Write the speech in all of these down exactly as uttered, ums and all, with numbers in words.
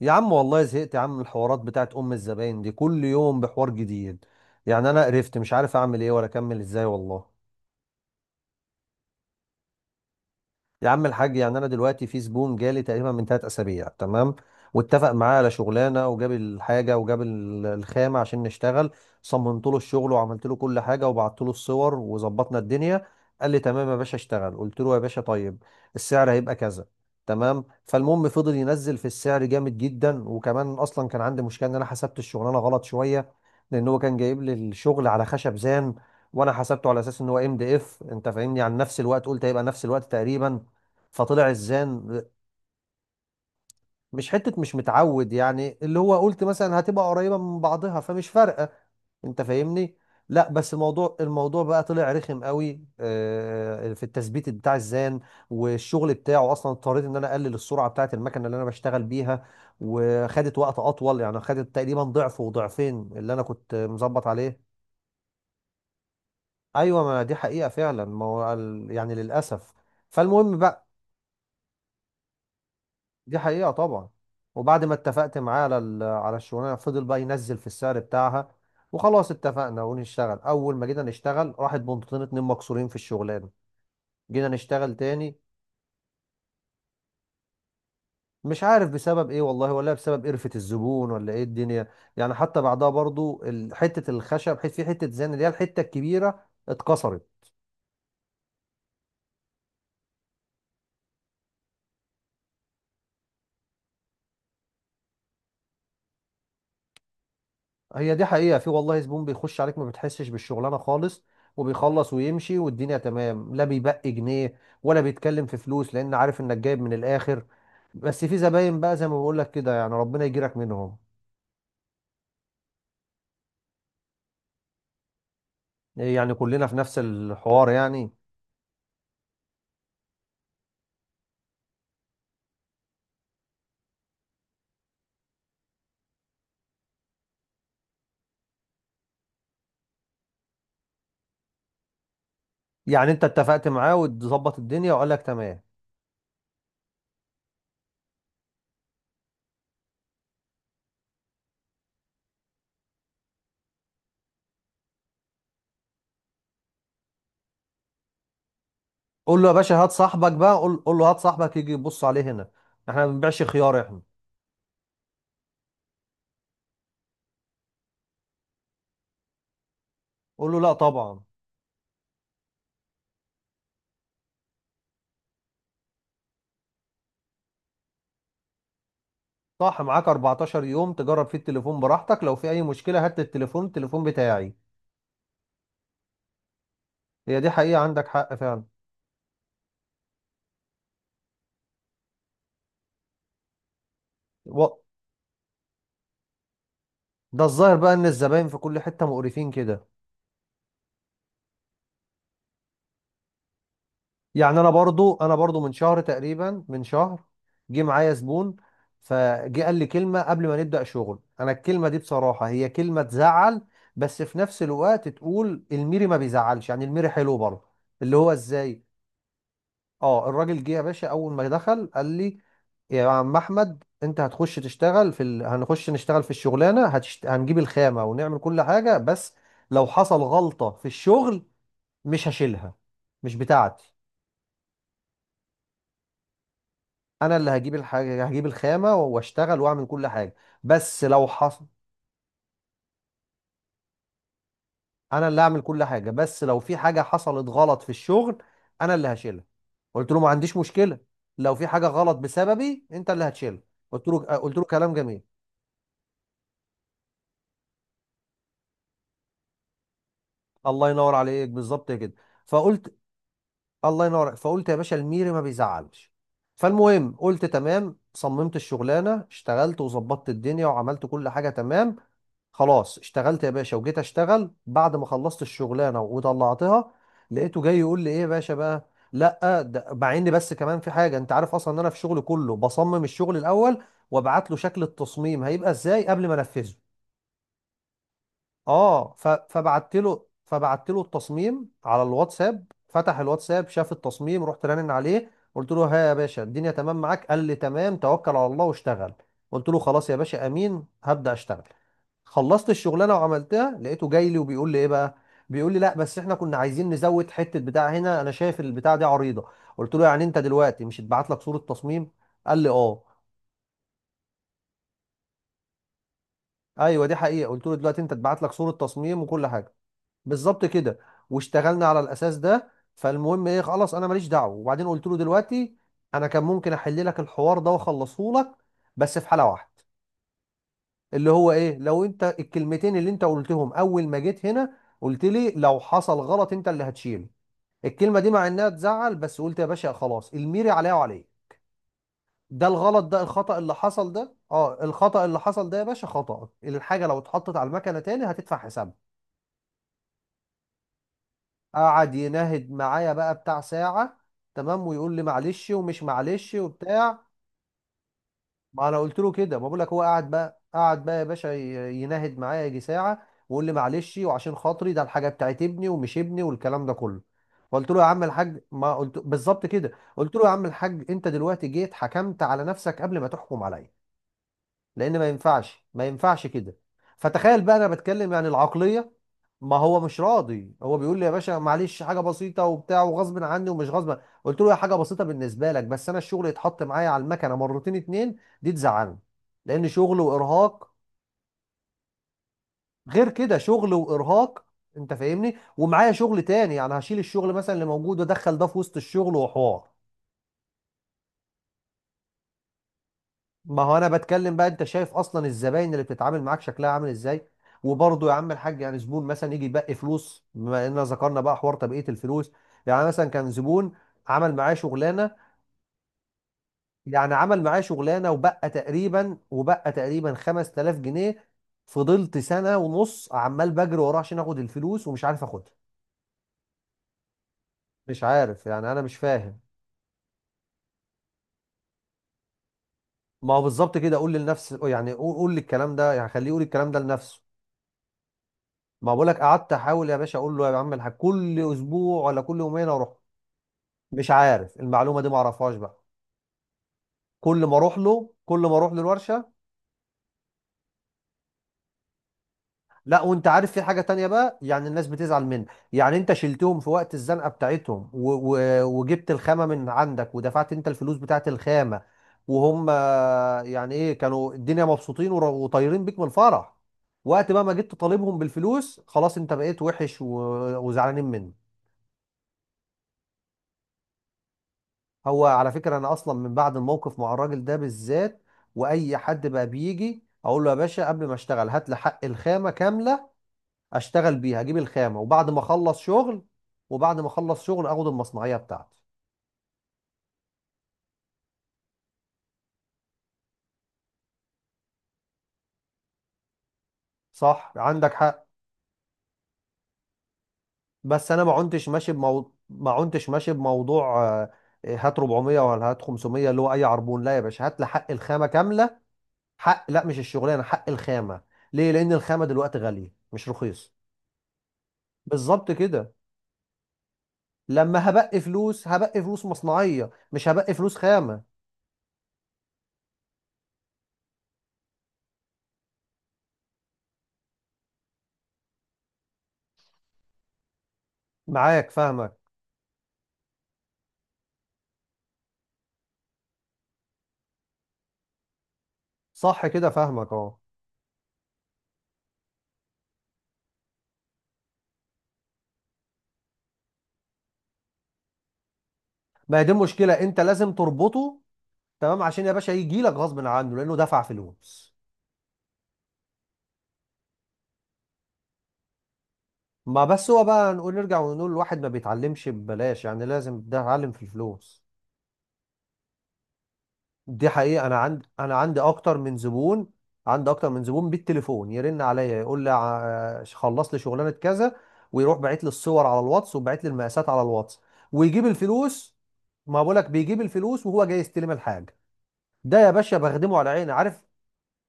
يا عم والله زهقت يا عم من الحوارات بتاعت ام الزباين دي كل يوم بحوار جديد. يعني انا قرفت مش عارف اعمل ايه ولا اكمل ازاي والله. يا عم الحاج، يعني انا دلوقتي في زبون جالي تقريبا من ثلاث اسابيع، تمام؟ واتفق معاه على شغلانه وجاب الحاجه وجاب ال- الخامه عشان نشتغل. صممت له الشغل وعملت له كل حاجه وبعت له الصور وظبطنا الدنيا. قال لي تمام يا باشا اشتغل. قلت له يا باشا طيب، السعر هيبقى كذا. تمام. فالمهم فضل ينزل في السعر جامد جدا. وكمان اصلا كان عندي مشكله ان انا حسبت الشغلانه غلط شويه. لان هو كان جايب لي الشغل على خشب زان، وانا حسبته على اساس ان هو ام دي اف، انت فاهمني؟ عن نفس الوقت، قلت هيبقى نفس الوقت تقريبا، فطلع الزان. مش حتة مش متعود، يعني اللي هو قلت مثلا هتبقى قريبة من بعضها فمش فارقة، انت فاهمني؟ لا بس الموضوع الموضوع بقى طلع رخم قوي آه، في التثبيت بتاع الزان. والشغل بتاعه اصلا اضطريت ان انا اقلل السرعة بتاعة المكنة اللي انا بشتغل بيها، وخدت وقت اطول. يعني خدت تقريبا ضعف وضعفين اللي انا كنت مظبط عليه. ايوه، ما دي حقيقة فعلا، ما هو ال- يعني للاسف. فالمهم بقى. دي حقيقة طبعا. وبعد ما اتفقت معاه على ال- على الشغلانة، فضل بقى ينزل في السعر بتاعها. وخلاص اتفقنا ونشتغل. أول ما جينا نشتغل، راحت بنطتين اتنين مكسورين في الشغلانة. جينا نشتغل تاني. مش عارف بسبب ايه والله، ولا بسبب قرفة الزبون، ولا ايه الدنيا. يعني حتى بعدها برضو ال- حتة الخشب، حت- في حتة زان اللي هي الحتة الكبيرة اتكسرت. هي دي حقيقة، في والله زبون بيخش عليك ما بتحسش بالشغلانة خالص، وبيخلص ويمشي والدنيا تمام، لا بيبقي جنيه ولا بيتكلم في فلوس، لأن عارف إنك جايب من الآخر. بس في زباين بقى زي ما بقول لك كده، يعني ربنا يجيرك منهم. يعني كلنا في نفس الحوار يعني. يعني أنت اتفقت معاه وتظبط الدنيا وقال لك تمام. قول له يا باشا هات صاحبك بقى، قول, قول له هات صاحبك يجي يبص عليه هنا. احنا ما بنبيعش خيار احنا. قول له لا طبعا. صح معاك، اربعتاشر يوم تجرب فيه التليفون براحتك، لو في أي مشكلة هات التليفون، التليفون بتاعي. هي دي حقيقة عندك حق فعلا. و... ده الظاهر بقى ان الزباين في كل حتة مقرفين كده. يعني انا برضو، انا برضو من شهر تقريبا، من شهر جه معايا زبون. فجه قال لي كلمة قبل ما نبدأ شغل. انا الكلمة دي بصراحة هي كلمة تزعل، بس في نفس الوقت تقول الميري ما بيزعلش، يعني الميري حلو برضه. اللي هو ازاي؟ اه الراجل جه يا باشا، اول ما دخل قال لي يا عم احمد، انت هتخش تشتغل في ال... هنخش نشتغل في الشغلانه هتشت... هنجيب الخامه ونعمل كل حاجه، بس لو حصل غلطه في الشغل، مش هشيلها، مش بتاعتي. انا اللي هجيب الحاجه، هجيب الخامه واشتغل واعمل كل حاجه، بس لو حصل، انا اللي هعمل كل حاجه، بس لو في حاجه حصلت غلط في الشغل، انا اللي هشيلها. قلت له ما عنديش مشكله، لو في حاجه غلط بسببي انت اللي هتشيلها. قلت له، قلت له كلام جميل. الله ينور عليك بالظبط كده. فقلت، الله ينور. فقلت يا باشا الميري ما بيزعلش. فالمهم قلت تمام. صممت الشغلانه، اشتغلت وظبطت الدنيا وعملت كل حاجه تمام. خلاص اشتغلت يا باشا، وجيت اشتغل بعد ما خلصت الشغلانه وطلعتها. لقيته جاي يقول لي ايه يا باشا بقى لا ده، مع ان بس كمان في حاجه، انت عارف اصلا ان انا في شغلي كله بصمم الشغل الاول، وابعت له شكل التصميم هيبقى ازاي قبل ما انفذه. اه ف- فبعت له، فبعت له التصميم على الواتساب. فتح الواتساب، شاف التصميم، رحت رنن عليه، قلت له ها يا باشا، الدنيا تمام معاك؟ قال لي تمام، توكل على الله واشتغل. قلت له خلاص يا باشا، امين، هبدأ اشتغل. خلصت الشغلانه وعملتها. لقيته جاي لي وبيقول لي ايه بقى. بيقول لي لا بس احنا كنا عايزين نزود حته بتاع هنا، انا شايف البتاع دي عريضه. قلت له يعني انت دلوقتي مش اتبعت لك صوره تصميم؟ قال لي اه. ايوه دي حقيقه. قلت له دلوقتي انت اتبعت لك صوره تصميم وكل حاجه. بالظبط كده. واشتغلنا على الاساس ده. فالمهم ايه، خلاص انا ماليش دعوه. وبعدين قلت له دلوقتي انا كان ممكن احل لك الحوار ده واخلصه لك، بس في حاله واحده، اللي هو ايه، لو انت الكلمتين اللي انت قلتهم اول ما جيت هنا، قلت لي لو حصل غلط انت اللي هتشيله. الكلمه دي مع انها تزعل بس قلت يا باشا خلاص الميري عليا وعليك. ده الغلط ده الخطأ اللي حصل ده، اه الخطأ اللي حصل ده يا باشا، خطأ الحاجه لو اتحطت على المكنه تاني هتدفع حسابها. قعد يناهد معايا بقى بتاع ساعة، تمام، ويقول لي معلش ومش معلش وبتاع. ما انا قلت له كده، ما بقول لك، هو قعد بقى، قعد بقى يا باشا، ي- يناهد معايا يجي ساعة، ويقول لي معلش وعشان خاطري ده الحاجة بتاعت ابني ومش ابني والكلام ده كله. فقلت له يا عم الحاج، ما قلت بالظبط كده. قلت له يا عم الحاج، انت دلوقتي جيت حكمت على نفسك قبل ما تحكم عليا، لان ما ينفعش، ما ينفعش كده. فتخيل بقى انا بتكلم يعني العقلية. ما هو مش راضي، هو بيقول لي يا باشا معلش حاجه بسيطه وبتاع، وغصب عني ومش غصب. قلت له يا حاجه بسيطه بالنسبه لك، بس انا الشغل يتحط معايا على المكنه مرتين اتنين، دي تزعلني، لان شغل وارهاق. غير كده شغل وارهاق، انت فاهمني؟ ومعايا شغل تاني، يعني هشيل الشغل مثلا اللي موجود وادخل ده في وسط الشغل وحوار. ما هو انا بتكلم بقى، انت شايف اصلا الزباين اللي بتتعامل معاك شكلها عامل ازاي. وبرضه يا عم الحاج يعني زبون مثلا يجي يبقي فلوس، بما اننا ذكرنا بقى حوار تبقيه الفلوس. يعني مثلا كان زبون، عمل معاه شغلانه، يعني عمل معاه شغلانه، وبقى تقريبا وبقى تقريبا خمس تلاف جنيه. فضلت سنه ونص عمال بجري وراه عشان اخد الفلوس ومش عارف اخدها. مش عارف يعني، انا مش فاهم. ما هو بالظبط كده، قول لنفسي يعني، قول قول للكلام ده يعني، خليه يقول الكلام ده لنفسه. ما بقولك قعدت احاول يا باشا، اقول له يا عم الحاج كل اسبوع ولا كل يومين اروح. مش عارف المعلومه دي، ما اعرفهاش بقى. كل ما اروح له كل ما اروح له الورشه. لا وانت عارف في حاجه تانية بقى، يعني الناس بتزعل منك، يعني انت شلتهم في وقت الزنقه بتاعتهم و و وجبت الخامه من عندك ودفعت انت الفلوس بتاعت الخامه. وهم آه، يعني ايه، كانوا الدنيا مبسوطين ور- وطايرين بيك من الفرح. وقت بقى ما جيت تطالبهم بالفلوس، خلاص انت بقيت وحش و- وزعلانين منك. هو على فكرة أنا أصلا من بعد الموقف مع الراجل ده بالذات، وأي حد بقى بيجي أقول له يا باشا قبل ما أشتغل هات لي حق الخامة كاملة، أشتغل بيها أجيب الخامة، وبعد ما أخلص شغل، وبعد ما أخلص شغل أخد المصنعية بتاعتي. صح عندك حق. بس أنا ما عنتش ماشي بمو... ما عنتش ماشي بموضوع آه، إيه، هات اربعمية ولا هات خمسمية، اللي هو أي عربون. لا يا باشا، هات لي حق الخامة كاملة. حق، لا مش الشغلانة، حق الخامة. ليه؟ لأن الخامة دلوقتي غالية مش رخيص. بالظبط كده. لما هبقي فلوس، هبقي فلوس مصنعية، مش هبقي فلوس خامة. معاك، فاهمك. صح كده، فاهمك اه. ما هي دي المشكلة، انت لازم تربطه. تمام عشان يا باشا يجي لك غصب عنه لانه دفع فلوس. ما بس هو بقى نقول نرجع ونقول الواحد ما بيتعلمش ببلاش، يعني لازم ده يتعلم في الفلوس. دي حقيقة، أنا عندي أنا عندي أكتر من زبون. عندي أكتر من زبون بالتليفون يرن عليا يقول لي ع- آه، خلص لي شغلانة كذا. ويروح باعت لي الصور على الواتس، وباعت لي المقاسات على الواتس. ويجيب الفلوس. ما بقولك بيجيب الفلوس وهو جاي يستلم الحاجة. ده يا باشا بخدمه على عيني، عارف.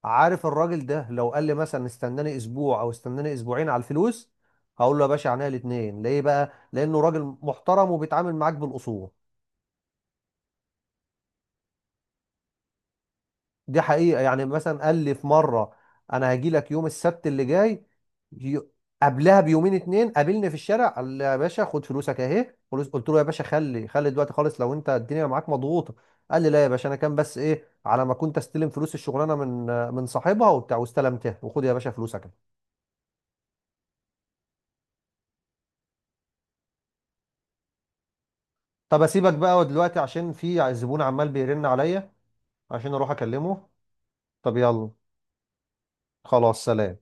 عارف الراجل ده لو قال لي مثلا استناني أسبوع أو استناني أسبوعين على الفلوس، هقول له يا باشا عينيا الاتنين. ليه بقى؟ لأنه راجل محترم وبيتعامل معاك بالأصول. دي حقيقة. يعني مثلا قال لي في مرة، أنا هاجي لك يوم السبت اللي جاي. ي- قبلها بيومين اتنين قابلني في الشارع قال لي يا باشا خد فلوسك أهي فلوس. قلت له يا باشا، خلي خلي دلوقتي خالص لو أنت الدنيا معاك مضغوطة. قال لي لا يا باشا، أنا كان بس إيه، على ما كنت أستلم فلوس الشغلانة من من صاحبها وبتاع، واستلمتها، وخد يا باشا فلوسك. طب أسيبك بقى دلوقتي عشان في زبون عمال بيرن عليا، عشان أروح أكلمه. طب يلا. خلاص سلام.